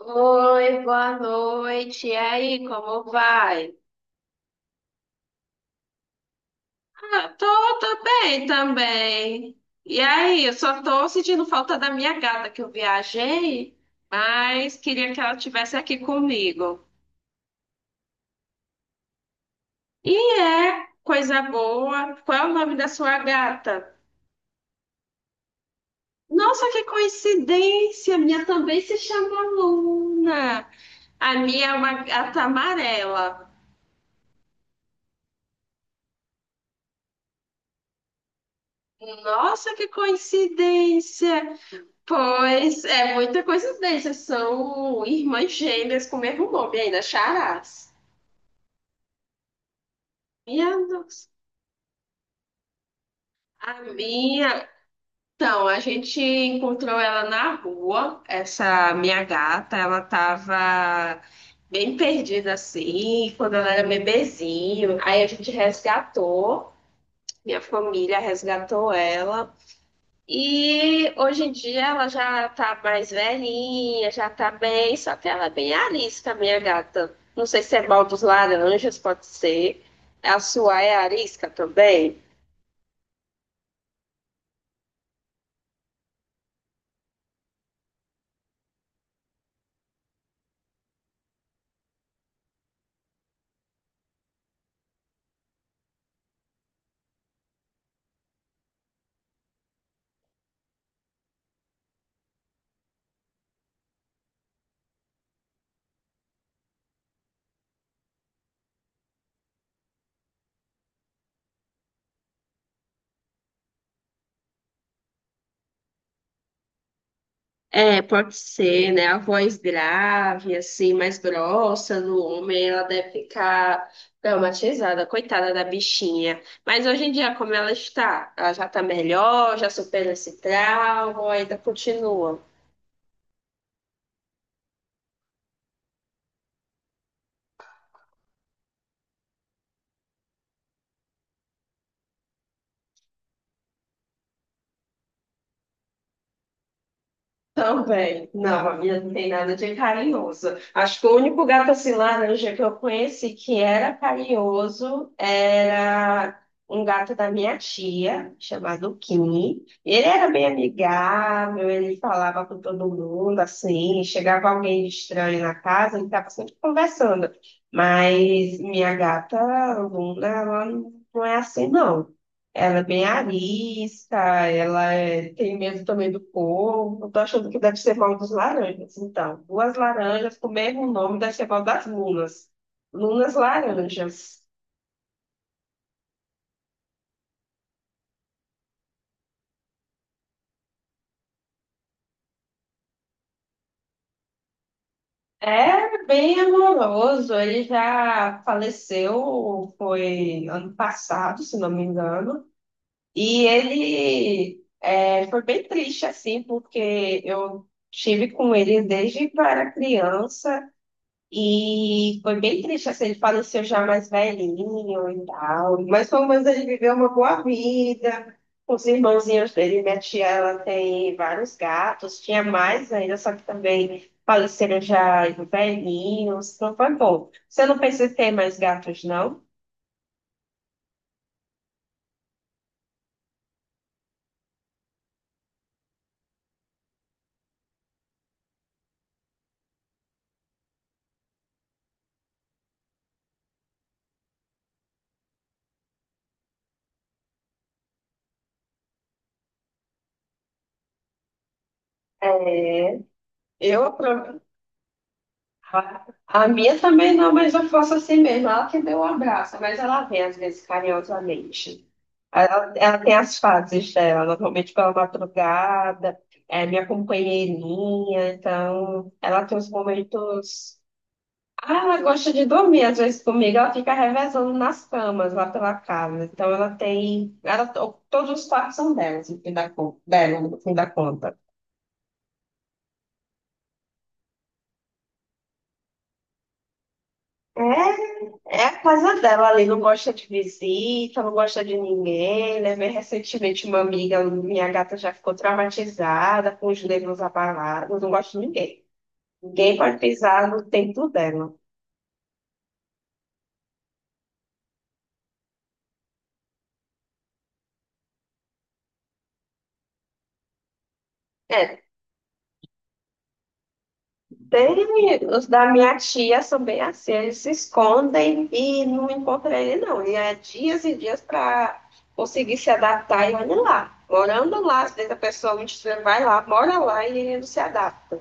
Oi, boa noite. E aí, como vai? Ah, tô bem também. E aí, eu só tô sentindo falta da minha gata que eu viajei, mas queria que ela estivesse aqui comigo. E é coisa boa. Qual é o nome da sua gata? Nossa, que coincidência! A minha também se chama Luna. A minha é uma gata amarela. Nossa, que coincidência! Pois é muita coincidência. São irmãs gêmeas com o mesmo nome ainda, Charás. Minha nossa. A minha. Então, a gente encontrou ela na rua, essa minha gata. Ela tava bem perdida assim, quando ela era bebezinho. Aí a gente resgatou, minha família resgatou ela. E hoje em dia ela já tá mais velhinha, já tá bem, só que ela é bem arisca, minha gata. Não sei se é mal dos laranjas, pode ser. A sua é arisca também? É, pode ser, né? A voz grave, assim, mais grossa no homem, ela deve ficar traumatizada, coitada da bichinha. Mas hoje em dia, como ela está? Ela já tá melhor, já superou esse trauma, ainda continua. Também. Não, a minha não tem nada de carinhoso. Acho que o único gato assim laranja que eu conheci que era carinhoso era um gato da minha tia, chamado Kim. Ele era bem amigável, ele falava com todo mundo assim, chegava alguém de estranho na casa, ele estava sempre conversando. Mas minha gata Luna, ela não é assim, não. Ela é bem arisca, tem medo também do povo. Eu tô achando que deve ser mal dos laranjas. Então, duas laranjas com o mesmo nome deve ser mal das lunas. Lunas laranjas. É bem amoroso. Ele já faleceu, foi ano passado, se não me engano. E foi bem triste, assim, porque eu estive com ele desde que eu era criança. E foi bem triste, assim, ele faleceu já mais velhinho e tal. Mas pelo menos ele viveu uma boa vida. Os irmãozinhos dele, minha tia, ela tem vários gatos, tinha mais ainda, só que também faleceram já velhinhos. Então foi bom. Você não pensa em ter mais gatos, não? É. Eu. A minha também não, mas eu faço assim mesmo. Ela que deu um abraço, mas ela vem às vezes carinhosamente. Ela tem as fases dela, normalmente pela madrugada, é minha companheirinha, então ela tem os momentos. Ah, ela gosta de dormir, às vezes comigo ela fica revezando nas camas lá pela casa. Então ela tem. Ela, todos os quartos são delas, no dela, no fim da conta. É. É a casa dela ali, não gosta de visita, não gosta de ninguém, né? Bem recentemente, uma amiga, minha gata já ficou traumatizada, com os nervos abalados, não gosta de ninguém. Ninguém pode pisar no tempo dela. É, tem, os da minha tia são bem assim, eles se escondem e não encontram ele, não. E é dias e dias para conseguir se adaptar e olha lá. Morando lá, às vezes a pessoa um dia vai lá, mora lá e ele não se adapta.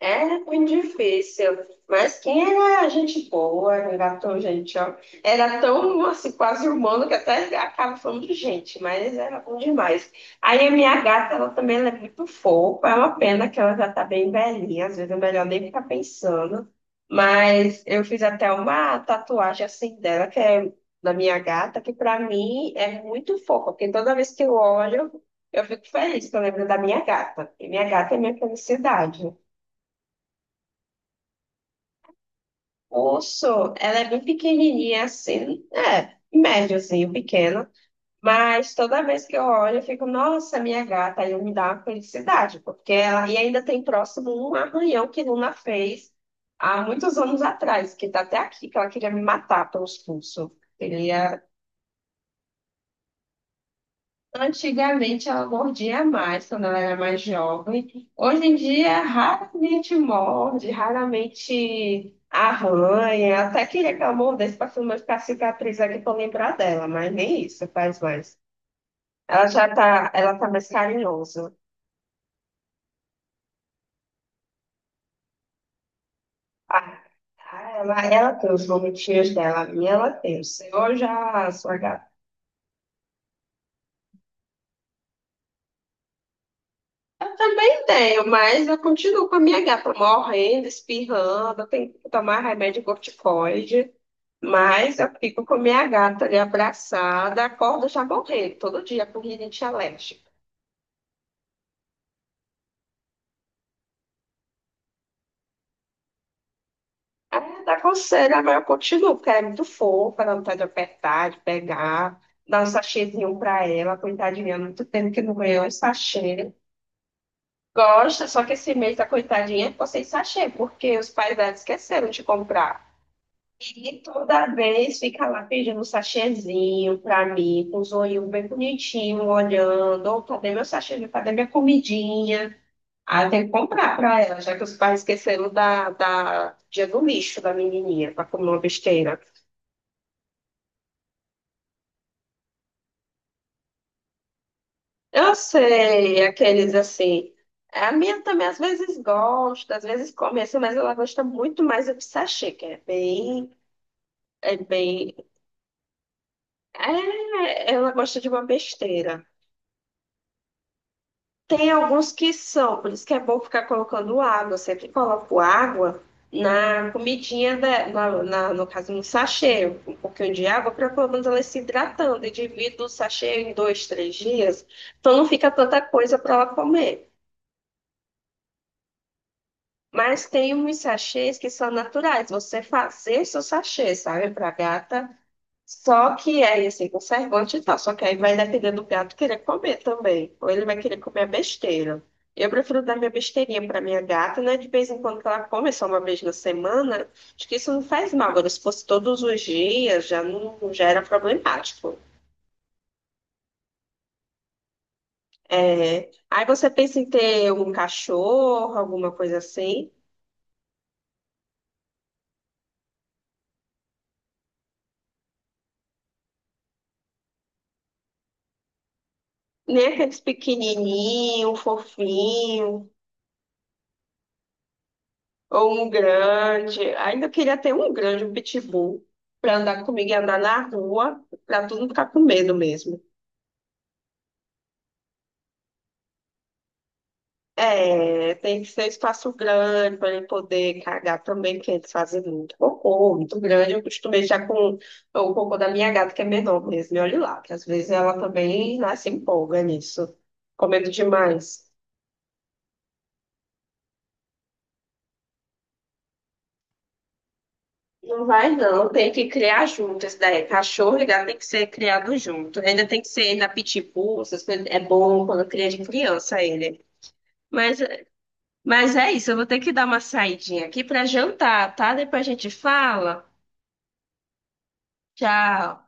É muito difícil, mas quem era gente boa, não era tão gente, ó, era tão assim, quase humano que até acaba falando de gente, mas era bom demais. Aí a minha gata, ela é muito fofa, é uma pena que ela já tá bem velhinha, às vezes é melhor nem ficar pensando, mas eu fiz até uma tatuagem assim dela, que é da minha gata, que pra mim é muito fofa, porque toda vez que eu olho, eu fico feliz, que eu lembro da minha gata, e minha gata é minha felicidade. Urso, ela é bem pequenininha assim, é, médiozinho, pequena, mas toda vez que eu olho, eu fico, nossa, minha gata, aí me dá uma felicidade, porque ela, e ainda tem próximo um arranhão que Luna fez há muitos anos atrás, que tá até aqui, que ela queria me matar pelos pulsos. Antigamente ela mordia mais quando ela era mais jovem. Hoje em dia raramente morde, raramente arranha. Até que ela mordesse para filmar ficar cicatriz aqui para lembrar dela, mas nem isso faz mais. Ela já tá, ela tá mais carinhosa. Ah, ela tem os momentinhos dela, a minha ela tem. O seu já, a sua gata. Eu também tenho, mas eu continuo com a minha gata morrendo, espirrando, eu tenho que tomar remédio corticoide. Mas eu fico com minha gata ali abraçada, acordo já morrendo, todo dia com rinite alérgica. Aí dá coceira, mas eu continuo, porque ela é muito fofa, ela não tá de apertar, de pegar, dá um sachêzinho pra ela, coitadinha, há muito tempo que não ganhou um sachê. Gosta, só que esse mês a coitadinha ficou sem sachê, porque os pais dela esqueceram de comprar. E toda vez fica lá pedindo um sachêzinho pra mim, com os olhinhos bem bonitinhos, olhando, ou cadê meu sachê, cadê minha comidinha? Ah, tem que comprar pra ela, já que os pais esqueceram da dia do lixo da menininha, pra comer uma besteira. Eu sei, aqueles assim. É, a minha também às vezes gosta, às vezes come assim, mas ela gosta muito mais do sachê, que é bem, é bem. É, ela gosta de uma besteira. Tem alguns que são, por isso que é bom ficar colocando água. Eu sempre coloco água na no caso, no sachê, um pouquinho de água, para pelo menos ela ir se hidratando. E divido o sachê em dois, três dias, então não fica tanta coisa para ela comer. Mas tem uns sachês que são naturais, você fazer seu sachê, sabe, para gata. Só que aí, assim, conservante e tal. Só que aí vai depender do gato querer comer também. Ou ele vai querer comer a besteira. Eu prefiro dar minha besteirinha pra minha gata, né? De vez em quando que ela come só uma vez na semana. Acho que isso não faz mal. Agora, se fosse todos os dias, já não já era problemático. É, aí você pensa em ter um cachorro, alguma coisa assim. Nem aqueles pequenininho, fofinho, ou um grande. Ainda queria ter um grande, um pitbull, para andar comigo e andar na rua, para todo mundo ficar com medo mesmo. É, tem que ser um espaço grande para ele poder cagar também, porque eles fazem muito cocô, muito grande. Eu costumo já com o cocô da minha gata, que é menor mesmo, e olha lá, que às vezes ela também né, se empolga nisso, com medo demais. Não vai, não. Tem que criar junto. Esse daí, cachorro e gato tem que ser criado junto. Ainda tem que ser na pitbull, essas coisas. É bom quando cria de criança ele. Mas, mas é isso, eu vou ter que dar uma saidinha aqui para jantar, tá? Depois a gente fala. Tchau.